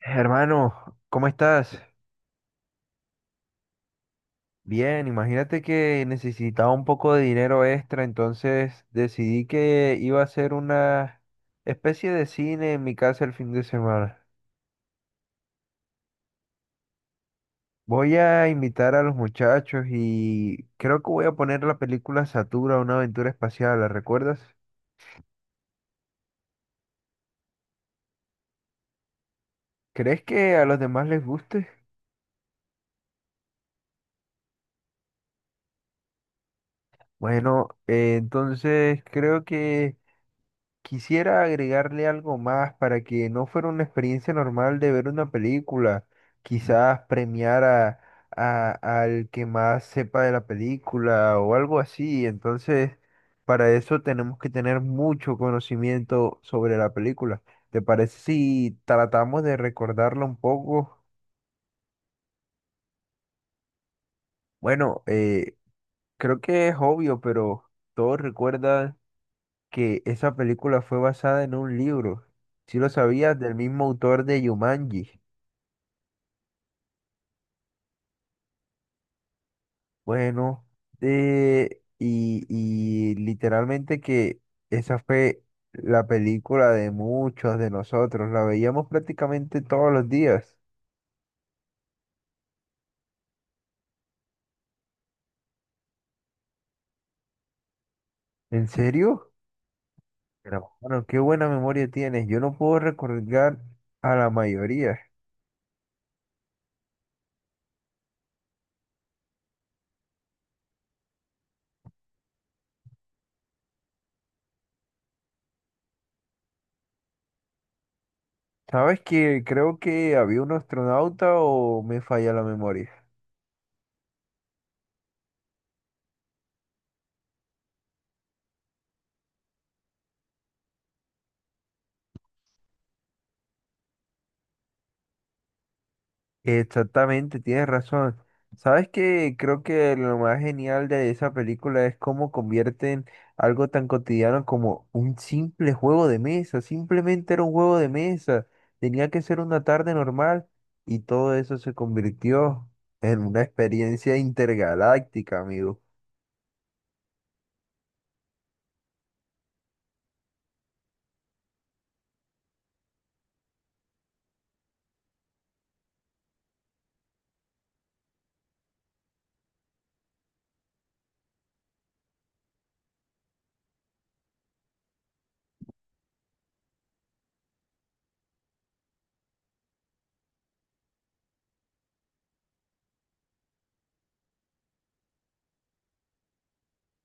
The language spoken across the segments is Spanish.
Hermano, ¿cómo estás? Bien, imagínate que necesitaba un poco de dinero extra, entonces decidí que iba a hacer una especie de cine en mi casa el fin de semana. Voy a invitar a los muchachos y creo que voy a poner la película Satura, una aventura espacial, ¿la recuerdas? ¿Crees que a los demás les guste? Bueno, entonces creo que quisiera agregarle algo más para que no fuera una experiencia normal de ver una película. Quizás premiar al que más sepa de la película o algo así. Entonces, para eso tenemos que tener mucho conocimiento sobre la película. ¿Te parece si tratamos de recordarla un poco? Bueno, eh, Creo que es obvio, pero todos recuerdan que esa película fue basada en un libro, si lo sabías, del mismo autor de Jumanji. Bueno, y literalmente que esa fue la película de muchos de nosotros, la veíamos prácticamente todos los días. ¿En serio? Pero bueno, qué buena memoria tienes, yo no puedo recordar a la mayoría. ¿Sabes que creo que había un astronauta o me falla la memoria? Exactamente, tienes razón. ¿Sabes qué? Creo que lo más genial de esa película es cómo convierten algo tan cotidiano como un simple juego de mesa. Simplemente era un juego de mesa. Tenía que ser una tarde normal y todo eso se convirtió en una experiencia intergaláctica, amigo.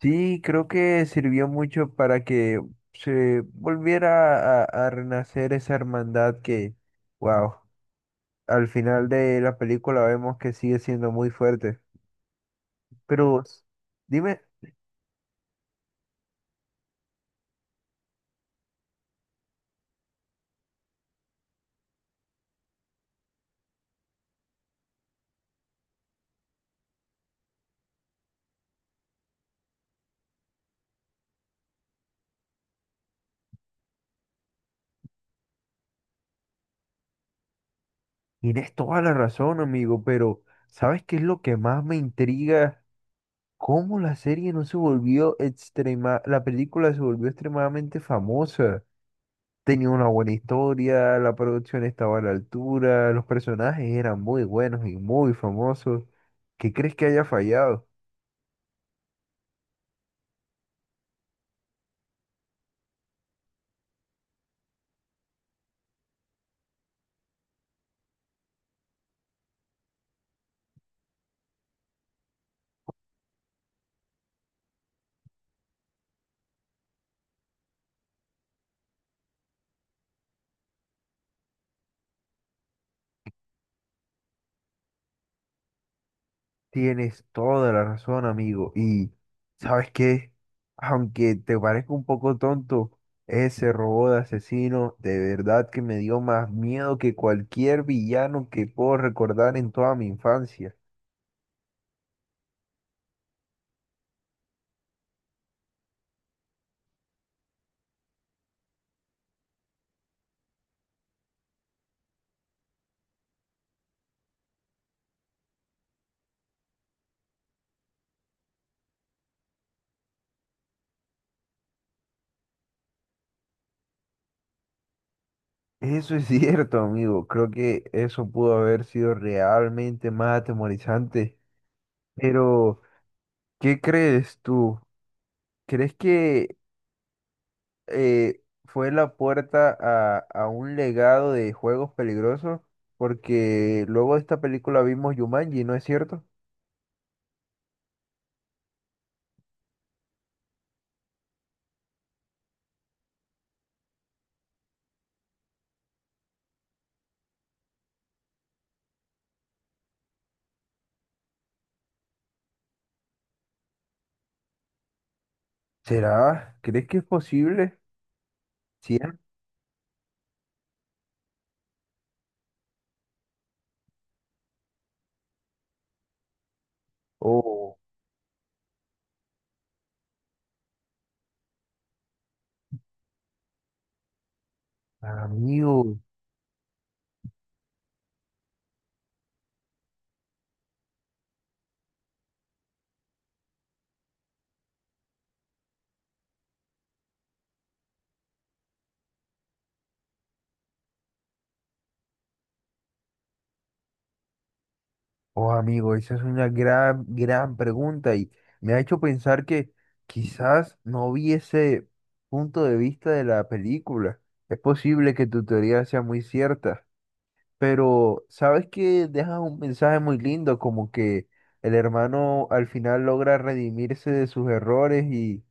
Sí, creo que sirvió mucho para que se volviera a renacer esa hermandad que, wow. Al final de la película vemos que sigue siendo muy fuerte. Pero s- Dime, tienes toda la razón, amigo, pero ¿sabes qué es lo que más me intriga? ¿Cómo la serie no se volvió extrema, la película se volvió extremadamente famosa? Tenía una buena historia, la producción estaba a la altura, los personajes eran muy buenos y muy famosos. ¿Qué crees que haya fallado? Tienes toda la razón, amigo. Y sabes qué, aunque te parezca un poco tonto, ese robot de asesino de verdad que me dio más miedo que cualquier villano que puedo recordar en toda mi infancia. Eso es cierto, amigo. Creo que eso pudo haber sido realmente más atemorizante. Pero, ¿qué crees tú? ¿Crees que fue la puerta a un legado de juegos peligrosos, porque luego de esta película vimos Jumanji, ¿no es cierto? ¿Será? ¿Crees que es posible? ¿Cien? Oh, amigo, oh, amigo, esa es una gran, gran pregunta y me ha hecho pensar que quizás no vi ese punto de vista de la película. Es posible que tu teoría sea muy cierta. Pero sabes que dejas un mensaje muy lindo, como que el hermano al final logra redimirse de sus errores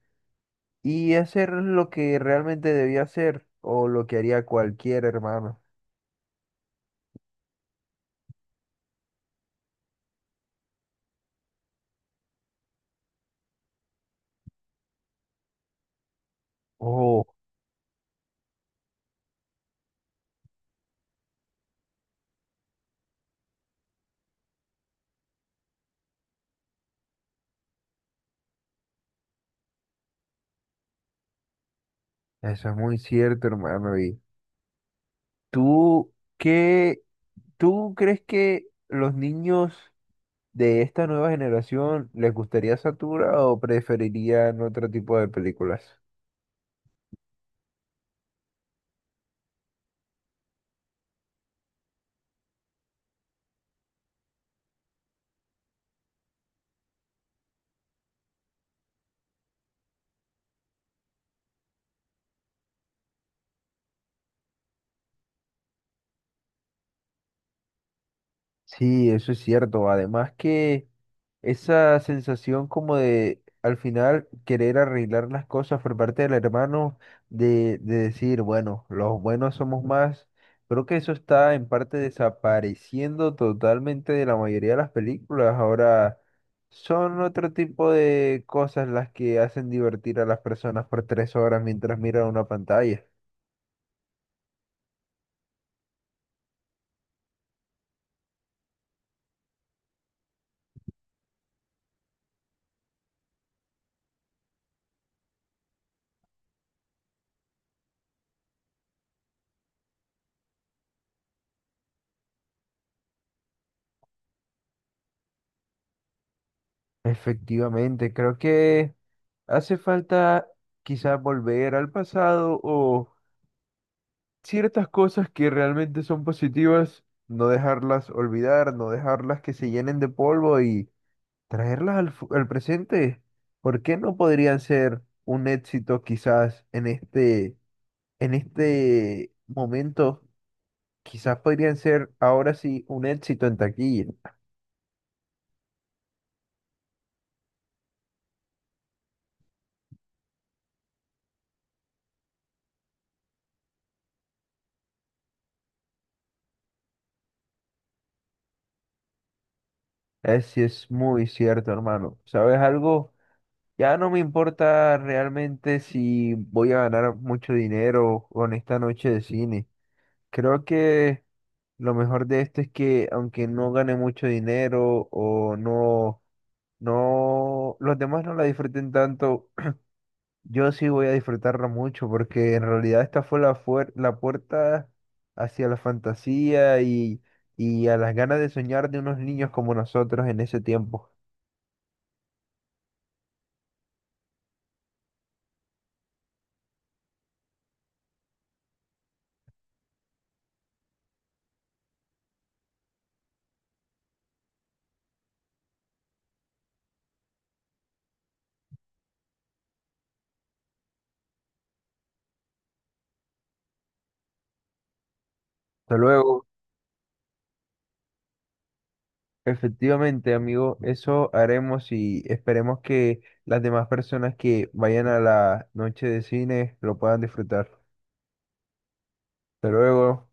y hacer lo que realmente debía hacer o lo que haría cualquier hermano. Oh, eso es muy cierto, hermano. ¿Y tú qué, tú crees que los niños de esta nueva generación les gustaría Satura o preferirían otro tipo de películas? Sí, eso es cierto. Además que esa sensación como de al final querer arreglar las cosas por parte del hermano, de decir, bueno, los buenos somos más, creo que eso está en parte desapareciendo totalmente de la mayoría de las películas. Ahora son otro tipo de cosas las que hacen divertir a las personas por tres horas mientras miran una pantalla. Efectivamente, creo que hace falta quizás volver al pasado o ciertas cosas que realmente son positivas, no dejarlas olvidar, no dejarlas que se llenen de polvo y al presente. ¿Por qué no podrían ser un éxito quizás en este momento? Quizás podrían ser ahora sí un éxito en taquilla. Así es muy cierto, hermano. ¿Sabes algo? Ya no me importa realmente si voy a ganar mucho dinero con esta noche de cine. Creo que lo mejor de esto es que aunque no gane mucho dinero o no, no, los demás no la disfruten tanto, yo sí voy a disfrutarla mucho porque en realidad esta fue la, fuer- la puerta hacia la fantasía y a las ganas de soñar de unos niños como nosotros en ese tiempo. Hasta luego. Efectivamente, amigo, eso haremos y esperemos que las demás personas que vayan a la noche de cine lo puedan disfrutar. Hasta luego.